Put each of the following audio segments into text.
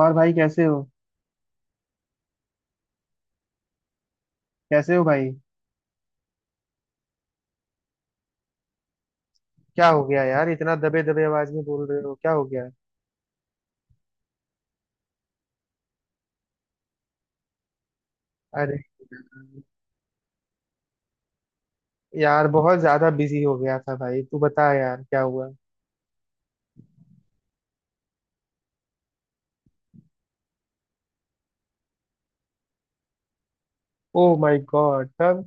और भाई कैसे हो। कैसे हो भाई? क्या हो गया यार, इतना दबे दबे आवाज में बोल रहे हो, क्या हो गया? अरे यार, बहुत ज्यादा बिजी हो गया था भाई। तू बता यार, क्या हुआ? ओ माय गॉड, तब?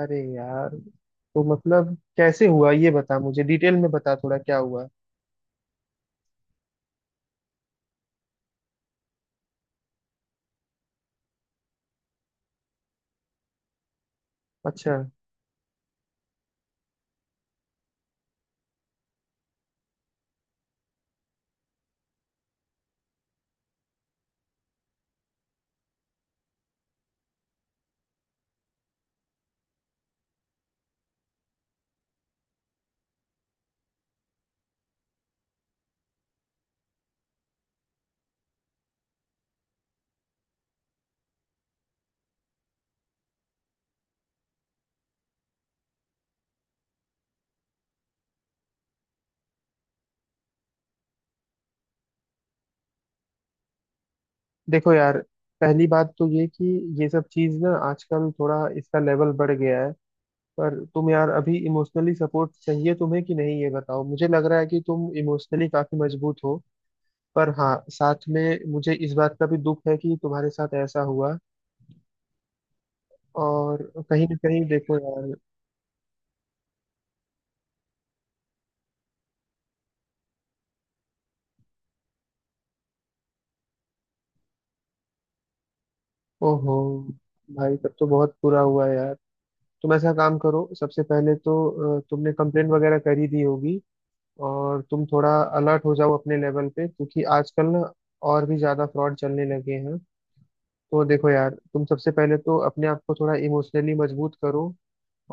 अरे यार, तो मतलब कैसे हुआ ये बता, मुझे डिटेल में बता थोड़ा क्या हुआ। अच्छा। देखो यार, पहली बात तो ये कि ये सब चीज ना आजकल थोड़ा इसका लेवल बढ़ गया है। पर तुम यार अभी इमोशनली सपोर्ट चाहिए तुम्हें कि नहीं ये बताओ, मुझे लग रहा है कि तुम इमोशनली काफी मजबूत हो। पर हाँ, साथ में मुझे इस बात का भी दुख है कि तुम्हारे साथ ऐसा हुआ। और कहीं ना कहीं देखो यार। ओहो। भाई, तब तो बहुत बुरा हुआ यार। तुम ऐसा काम करो, सबसे पहले तो तुमने कंप्लेन वगैरह कर ही दी होगी। और तुम थोड़ा अलर्ट हो जाओ अपने लेवल पे, क्योंकि आजकल ना और भी ज्यादा फ्रॉड चलने लगे हैं। तो देखो यार, तुम सबसे पहले तो अपने आप को थोड़ा इमोशनली मजबूत करो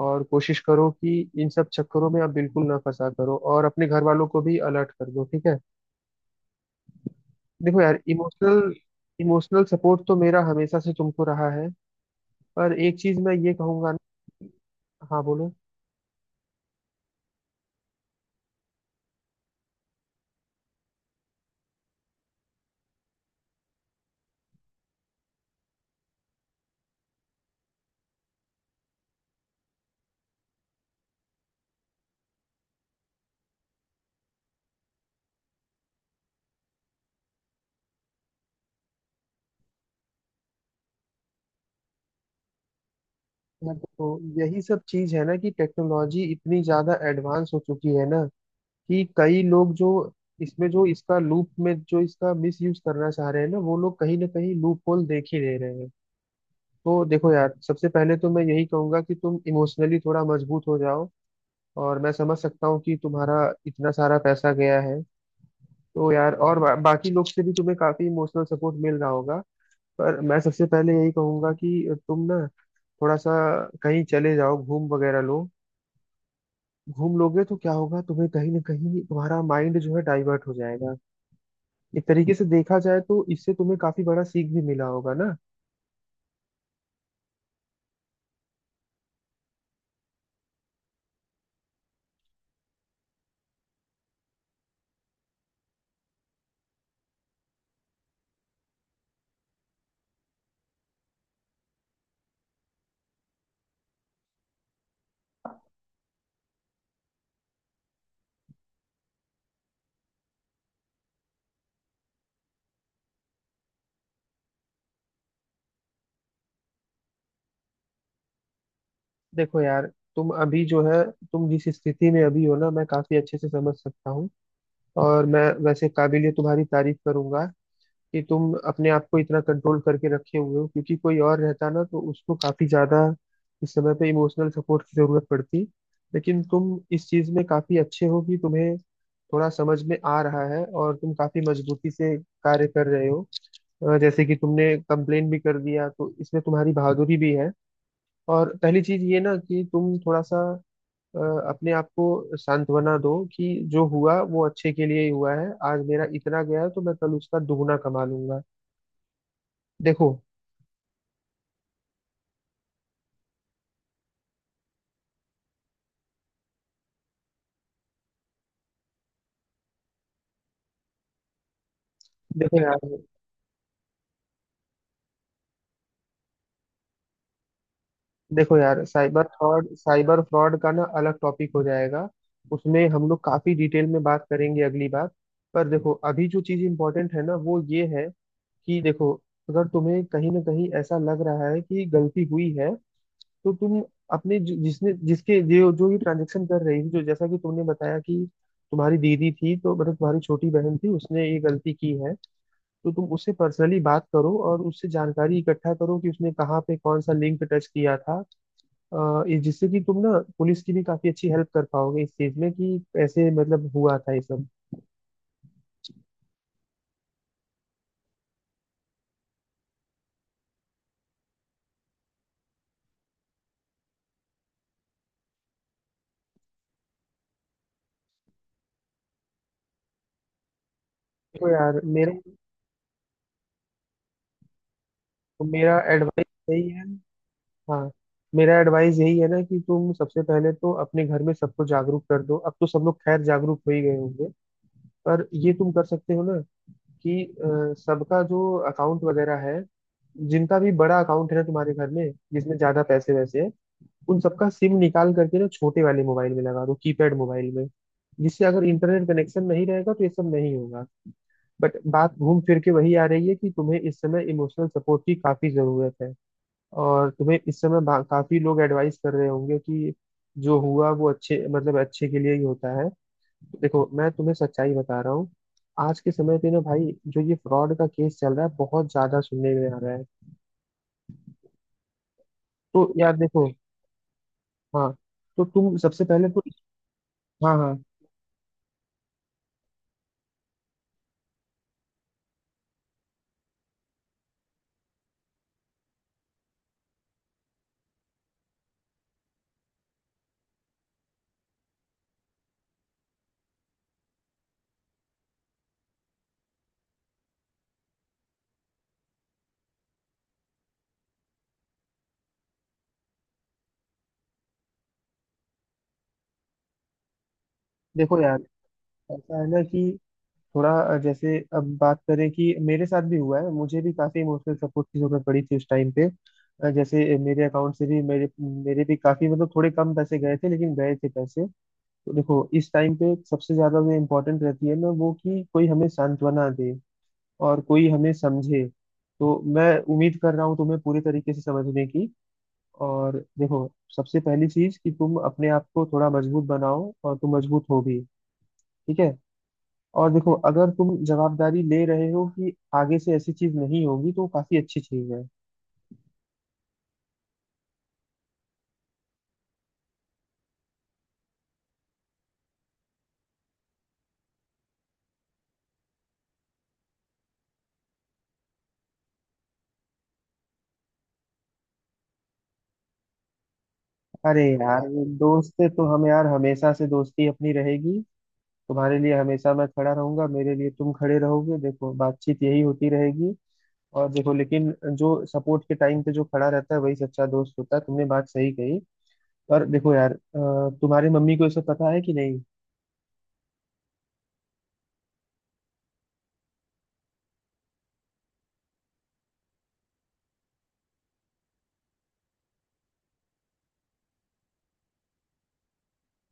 और कोशिश करो कि इन सब चक्करों में आप बिल्कुल ना फंसा करो, और अपने घर वालों को भी अलर्ट कर दो, ठीक है? देखो यार, इमोशनल इमोशनल सपोर्ट तो मेरा हमेशा से तुमको रहा है। पर एक चीज मैं ये कहूंगा ना। हाँ बोलो। मैं तो यही सब चीज है ना कि टेक्नोलॉजी इतनी ज्यादा एडवांस हो चुकी है ना, कि कई लोग जो इसमें जो इसका लूप में जो इसका मिस यूज करना चाह रहे हैं ना, वो लोग कहीं ना कहीं लूप होल देख ही ले रहे हैं। तो देखो यार, सबसे पहले तो मैं यही कहूंगा कि तुम इमोशनली थोड़ा मजबूत हो जाओ। और मैं समझ सकता हूँ कि तुम्हारा इतना सारा पैसा गया है। तो यार, और बाकी लोग से भी तुम्हें काफी इमोशनल सपोर्ट मिल रहा होगा। पर मैं सबसे पहले यही कहूंगा कि तुम ना थोड़ा सा कहीं चले जाओ, घूम वगैरह लो। घूम लोगे तो क्या होगा, तुम्हें कहीं ना कहीं तुम्हारा माइंड जो है डाइवर्ट हो जाएगा। एक तरीके से देखा जाए तो इससे तुम्हें काफी बड़ा सीख भी मिला होगा ना। देखो यार, तुम अभी जो है, तुम जिस स्थिति में अभी हो ना, मैं काफी अच्छे से समझ सकता हूँ। और मैं वैसे काबिलियत तुम्हारी तारीफ करूंगा कि तुम अपने आप को इतना कंट्रोल करके रखे हुए हो, क्योंकि कोई और रहता ना तो उसको काफी ज्यादा इस समय पे इमोशनल सपोर्ट की जरूरत पड़ती। लेकिन तुम इस चीज में काफी अच्छे हो कि तुम्हें थोड़ा समझ में आ रहा है और तुम काफी मजबूती से कार्य कर रहे हो। जैसे कि तुमने कंप्लेन भी कर दिया, तो इसमें तुम्हारी बहादुरी भी है। और पहली चीज ये ना कि तुम थोड़ा सा अ, अपने आप को सांत्वना दो कि जो हुआ वो अच्छे के लिए ही हुआ है। आज मेरा इतना गया है तो मैं कल उसका दुगना कमा लूंगा। देखो। देखो यार देखो यार, साइबर फ्रॉड, साइबर फ्रॉड का ना अलग टॉपिक हो जाएगा। उसमें हम लोग काफी डिटेल में बात करेंगे अगली बार। पर देखो, अभी जो चीज इम्पोर्टेंट है ना वो ये है कि देखो, अगर तुम्हें कहीं ना कहीं ऐसा लग रहा है कि गलती हुई है, तो तुम अपने जिसने जिसके जो जो ये ट्रांजेक्शन कर रही थी, जो, जैसा कि तुमने बताया कि तुम्हारी दीदी थी, तो मतलब तुम्हारी छोटी बहन थी, उसने ये गलती की है। तो तुम उससे पर्सनली बात करो और उससे जानकारी इकट्ठा करो कि उसने कहाँ पे कौन सा लिंक टच किया था। ये जिससे कि तुम ना पुलिस की भी काफी अच्छी हेल्प कर पाओगे इस चीज में कि ऐसे मतलब हुआ था ये सब। तो यार, मेरा मेरा एडवाइस यही है। हाँ, मेरा एडवाइस यही है ना कि तुम सबसे पहले तो अपने घर में सबको जागरूक कर दो। अब तो सब लोग खैर जागरूक हो ही गए होंगे। पर ये तुम कर सकते हो ना कि सबका जो अकाउंट वगैरह है, जिनका भी बड़ा अकाउंट है ना तुम्हारे घर में, जिसमें ज्यादा पैसे वैसे हैं, उन सबका सिम निकाल करके ना छोटे वाले मोबाइल में लगा दो, कीपैड मोबाइल में, जिससे अगर इंटरनेट कनेक्शन नहीं रहेगा तो ये सब नहीं होगा। बट बात घूम फिर के वही आ रही है कि तुम्हें इस समय इमोशनल सपोर्ट की काफी जरूरत है। और तुम्हें इस समय काफी लोग एडवाइस कर रहे होंगे कि जो हुआ वो अच्छे मतलब अच्छे के लिए ही होता है। देखो, मैं तुम्हें सच्चाई बता रहा हूँ। आज के समय पे ना भाई, जो ये फ्रॉड का केस चल रहा है, बहुत ज्यादा सुनने में आ रहा है। तो यार देखो। हाँ। तो तुम सबसे पहले तो। हाँ हाँ। देखो यार, ऐसा है ना कि थोड़ा जैसे अब बात करें कि मेरे साथ भी हुआ है, मुझे भी काफी इमोशनल सपोर्ट की जरूरत पड़ी थी उस टाइम पे। जैसे मेरे अकाउंट से भी मेरे मेरे भी काफी मतलब थोड़े कम पैसे गए थे, लेकिन गए थे पैसे। तो देखो, इस टाइम पे सबसे ज्यादा जो इम्पोर्टेंट रहती है ना वो कि कोई हमें सांत्वना दे और कोई हमें समझे। तो मैं उम्मीद कर रहा हूँ तुम्हें पूरे तरीके से समझने की। और देखो, सबसे पहली चीज कि तुम अपने आप को थोड़ा मजबूत बनाओ, और तुम मजबूत हो भी, ठीक है? और देखो, अगर तुम जवाबदारी ले रहे हो कि आगे से ऐसी चीज नहीं होगी, तो वो काफी अच्छी चीज है। अरे यार, ये दोस्त से तो हम यार हमेशा से दोस्ती अपनी रहेगी। तुम्हारे लिए हमेशा मैं खड़ा रहूंगा, मेरे लिए तुम खड़े रहोगे, देखो बातचीत यही होती रहेगी। और देखो लेकिन, जो सपोर्ट के टाइम पे जो खड़ा रहता है वही सच्चा दोस्त होता है, तुमने बात सही कही। और देखो यार, तुम्हारी मम्मी को ये सब पता है कि नहीं?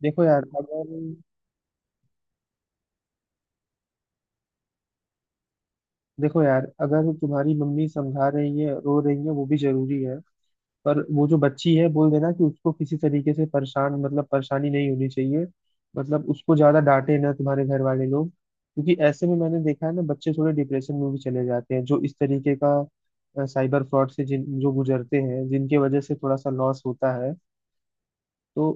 देखो यार अगर देखो यार, अगर तुम्हारी मम्मी समझा रही है, रो रही है, वो भी जरूरी है। पर वो जो बच्ची है, बोल देना कि उसको किसी तरीके से परेशान मतलब परेशानी नहीं होनी चाहिए। मतलब उसको ज्यादा डांटे ना तुम्हारे घर वाले लोग, क्योंकि ऐसे में मैंने देखा है ना, बच्चे थोड़े डिप्रेशन में भी चले जाते हैं जो इस तरीके का साइबर फ्रॉड से जिन जो गुजरते हैं, जिनके वजह से थोड़ा सा लॉस होता है। तो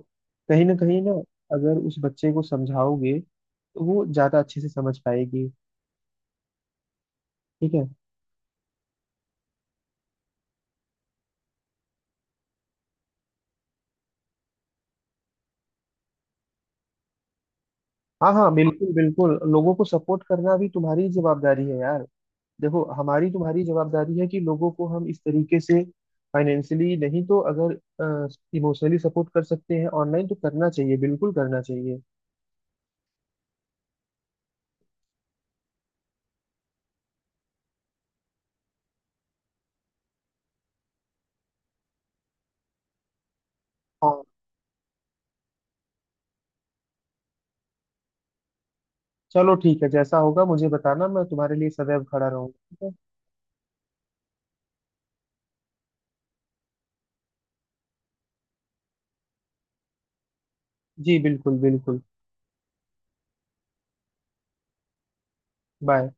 कहीं ना कहीं ना, अगर उस बच्चे को समझाओगे तो वो ज्यादा अच्छे से समझ पाएगी, ठीक है? हाँ हाँ, बिल्कुल बिल्कुल, लोगों को सपोर्ट करना भी तुम्हारी ही जिम्मेदारी है यार। देखो, हमारी तुम्हारी जवाबदारी है कि लोगों को हम इस तरीके से, फाइनेंशियली नहीं तो अगर इमोशनली सपोर्ट कर सकते हैं ऑनलाइन, तो करना चाहिए, बिल्कुल करना चाहिए। हाँ, चलो ठीक है, जैसा होगा मुझे बताना, मैं तुम्हारे लिए सदैव खड़ा रहूंगा, ठीक है? जी बिल्कुल बिल्कुल। बाय।